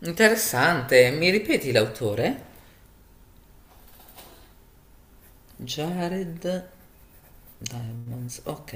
Interessante. Mi ripeti l'autore? Jared Diamonds. Ok.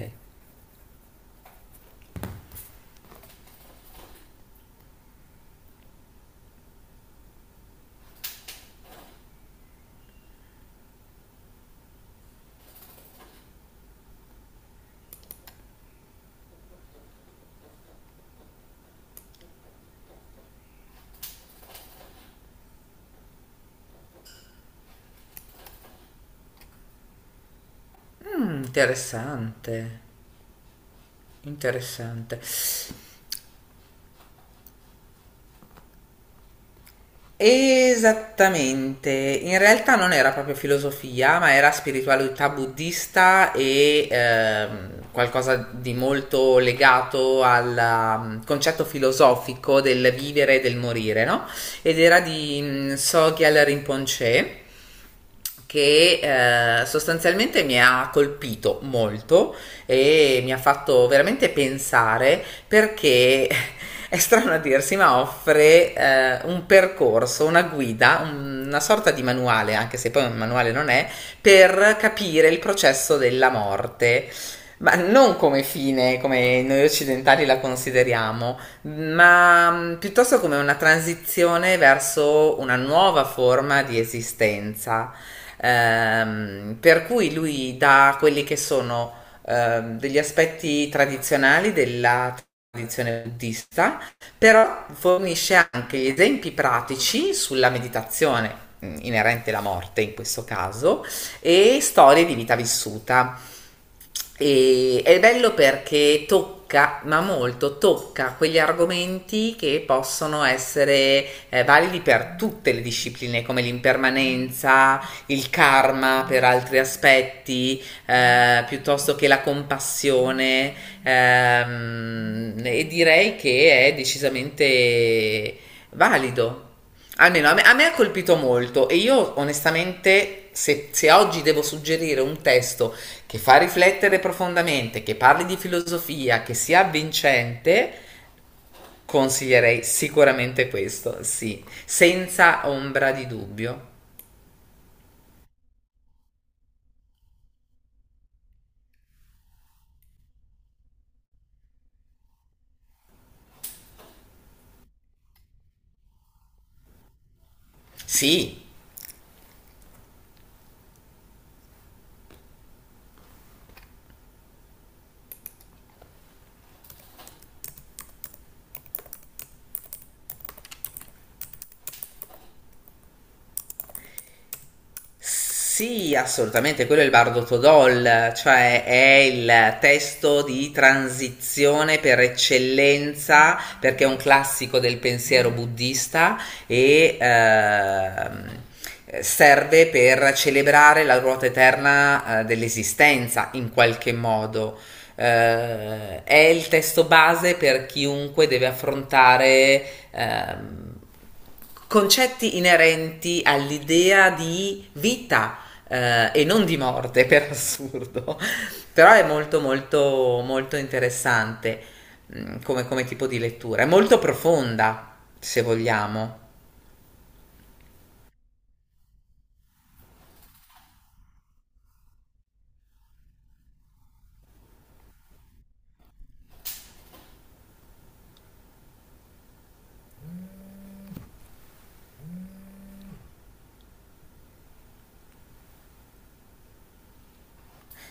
Mm, interessante. Interessante. Esattamente, in realtà non era proprio filosofia, ma era spiritualità buddista e qualcosa di molto legato al concetto filosofico del vivere e del morire, no? Ed era di Sogyal Rinpoche che sostanzialmente mi ha colpito molto e mi ha fatto veramente pensare perché è strano a dirsi, ma offre un percorso, una guida, una sorta di manuale, anche se poi un manuale non è, per capire il processo della morte. Ma non come fine, come noi occidentali la consideriamo, ma piuttosto come una transizione verso una nuova forma di esistenza. Per cui lui dà quelli che sono degli aspetti tradizionali della tradizione buddista, però fornisce anche gli esempi pratici sulla meditazione inerente alla morte in questo caso e storie di vita vissuta. E è bello perché tocca, ma molto tocca quegli argomenti che possono essere validi per tutte le discipline, come l'impermanenza, il karma per altri aspetti, piuttosto che la compassione e direi che è decisamente valido. Almeno a me ha colpito molto e io onestamente se, se oggi devo suggerire un testo che fa riflettere profondamente, che parli di filosofia, che sia avvincente, consiglierei sicuramente questo, sì, senza ombra di dubbio. Sì, sì, assolutamente, quello è il Bardo Todol, cioè è il testo di transizione per eccellenza, perché è un classico del pensiero buddista e serve per celebrare la ruota eterna dell'esistenza in qualche modo. È il testo base per chiunque deve affrontare ehm, concetti inerenti all'idea di vita e non di morte, per assurdo. Però è molto molto molto interessante come, come tipo di lettura, è molto profonda, se vogliamo.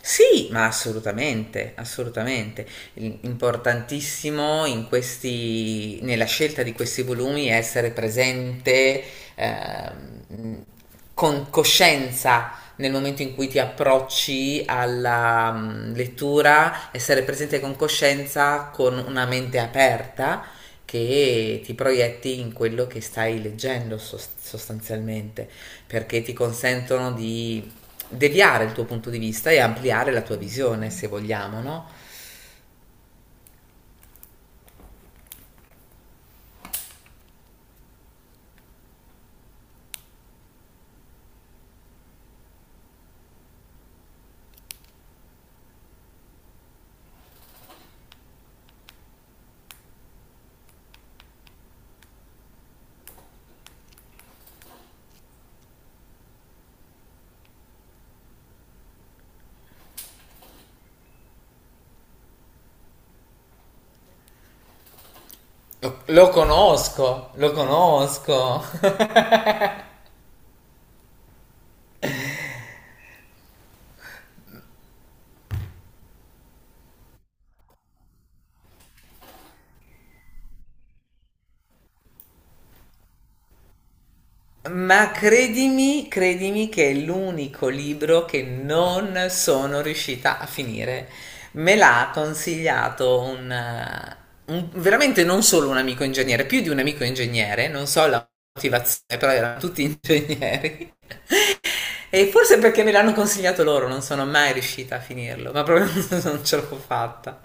Sì, ma assolutamente, assolutamente. Importantissimo in questi, nella scelta di questi volumi è essere presente, ehm, con coscienza nel momento in cui ti approcci alla lettura, essere presente con coscienza, con una mente aperta che ti proietti in quello che stai leggendo sostanzialmente, perché ti consentono di deviare il tuo punto di vista e ampliare la tua visione, se vogliamo, no? Lo, lo conosco, lo conosco. Ma credimi, credimi che è l'unico libro che non sono riuscita a finire. Me l'ha consigliato un, veramente non solo un amico ingegnere, più di un amico ingegnere, non so la motivazione, però erano tutti ingegneri. E forse perché me l'hanno consigliato loro, non sono mai riuscita a finirlo, ma proprio non ce l'ho fatta.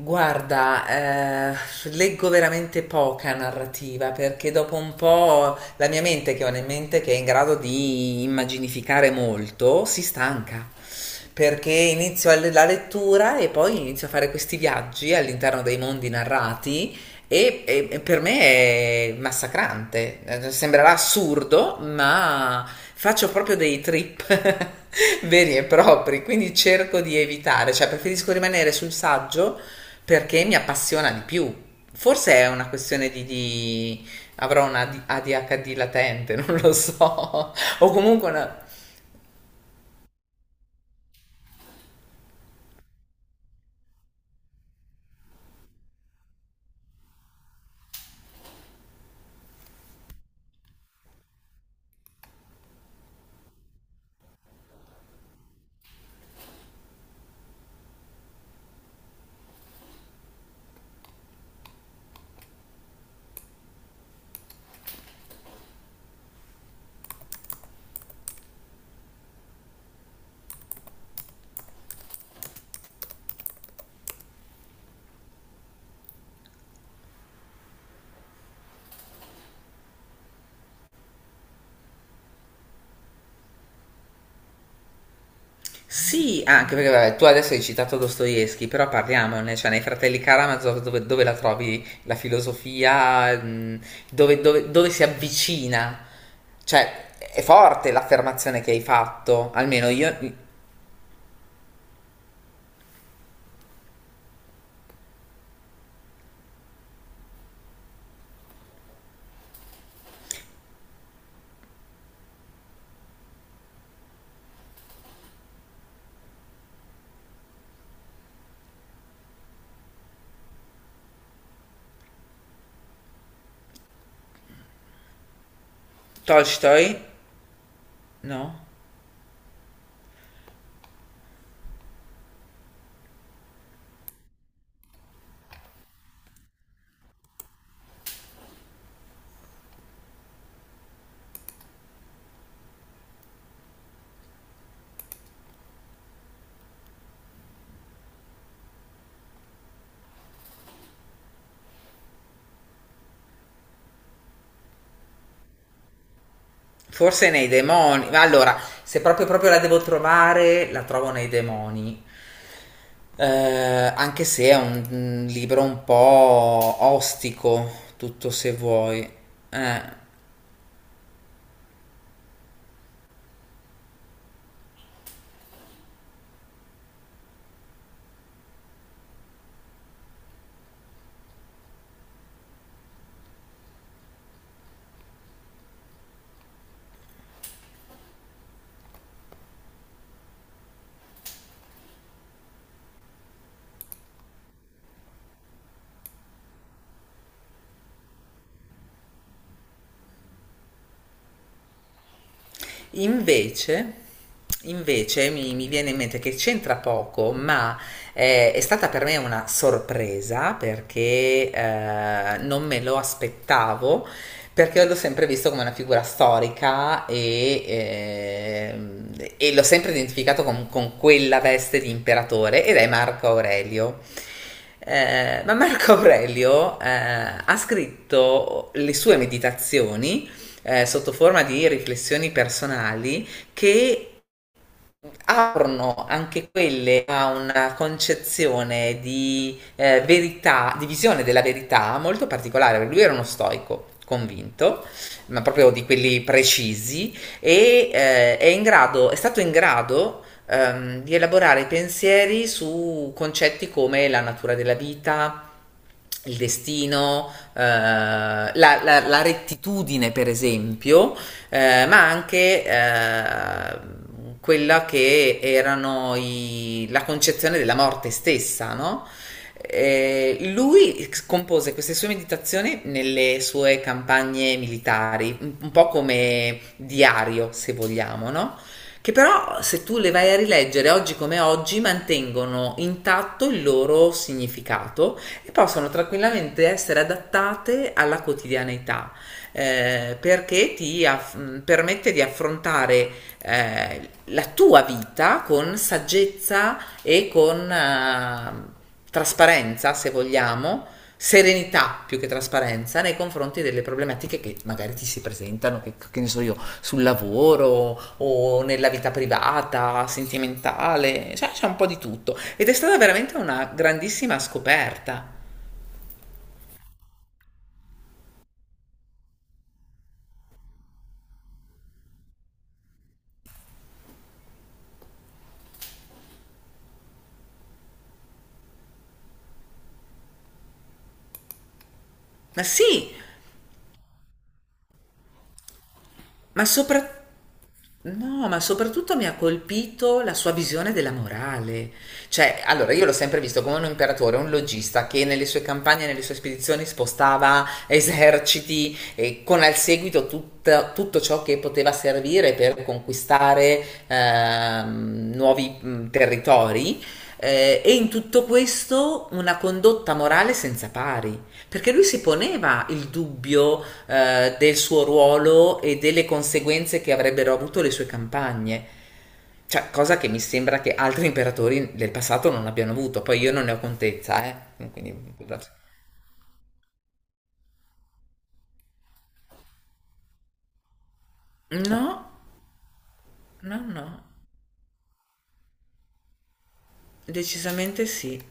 Guarda, leggo veramente poca narrativa perché dopo un po' la mia mente, che è una mente che è in grado di immaginificare molto, si stanca. Perché inizio a la lettura e poi inizio a fare questi viaggi all'interno dei mondi narrati e, e per me è massacrante. Sembrerà assurdo, ma faccio proprio dei trip veri e propri, quindi cerco di evitare, cioè preferisco rimanere sul saggio perché mi appassiona di più. Forse è una questione di, avrò una ADHD latente, non lo so, o comunque una, sì, anche perché vabbè, tu adesso hai citato Dostoevsky, però parliamone, cioè nei Fratelli Karamazov dove, dove la trovi la filosofia, dove, dove si avvicina, cioè è forte l'affermazione che hai fatto, almeno io, Tolstoi, no? Forse nei demoni, ma allora, se proprio, proprio la devo trovare, la trovo nei demoni. Anche se è un libro un po' ostico, tutto se vuoi. Eh. Invece, invece mi, mi viene in mente che c'entra poco, ma è stata per me una sorpresa perché non me lo aspettavo, perché l'ho sempre visto come una figura storica e l'ho sempre identificato con quella veste di imperatore ed è Marco Aurelio. Ma Marco Aurelio ha scritto le sue meditazioni sotto forma di riflessioni personali che aprono anche quelle a una concezione di verità, di visione della verità molto particolare. Lui era uno stoico convinto, ma proprio di quelli precisi, e è, in grado, è stato in grado di elaborare pensieri su concetti come la natura della vita, il destino, rettitudine, per esempio, ma anche quella che erano la concezione della morte stessa, no? Lui compose queste sue meditazioni nelle sue campagne militari, un po' come diario, se vogliamo, no? Che però, se tu le vai a rileggere oggi come oggi, mantengono intatto il loro significato e possono tranquillamente essere adattate alla quotidianità perché ti permette di affrontare la tua vita con saggezza e con trasparenza, se vogliamo, serenità più che trasparenza nei confronti delle problematiche che magari ti si presentano, che ne so io, sul lavoro o nella vita privata, sentimentale, cioè c'è un po' di tutto. Ed è stata veramente una grandissima scoperta. Ma sì, ma soprattutto no, ma soprattutto mi ha colpito la sua visione della morale. Cioè, allora, io l'ho sempre visto come un imperatore, un logista che nelle sue campagne, nelle sue spedizioni spostava eserciti e con al seguito tutto ciò che poteva servire per conquistare nuovi territori. Eh, e in tutto questo una condotta morale senza pari. Perché lui si poneva il dubbio del suo ruolo e delle conseguenze che avrebbero avuto le sue campagne. Cioè, cosa che mi sembra che altri imperatori del passato non abbiano avuto. Poi io non ne ho contezza, eh. Quindi, scusate. No, no, no. Decisamente sì.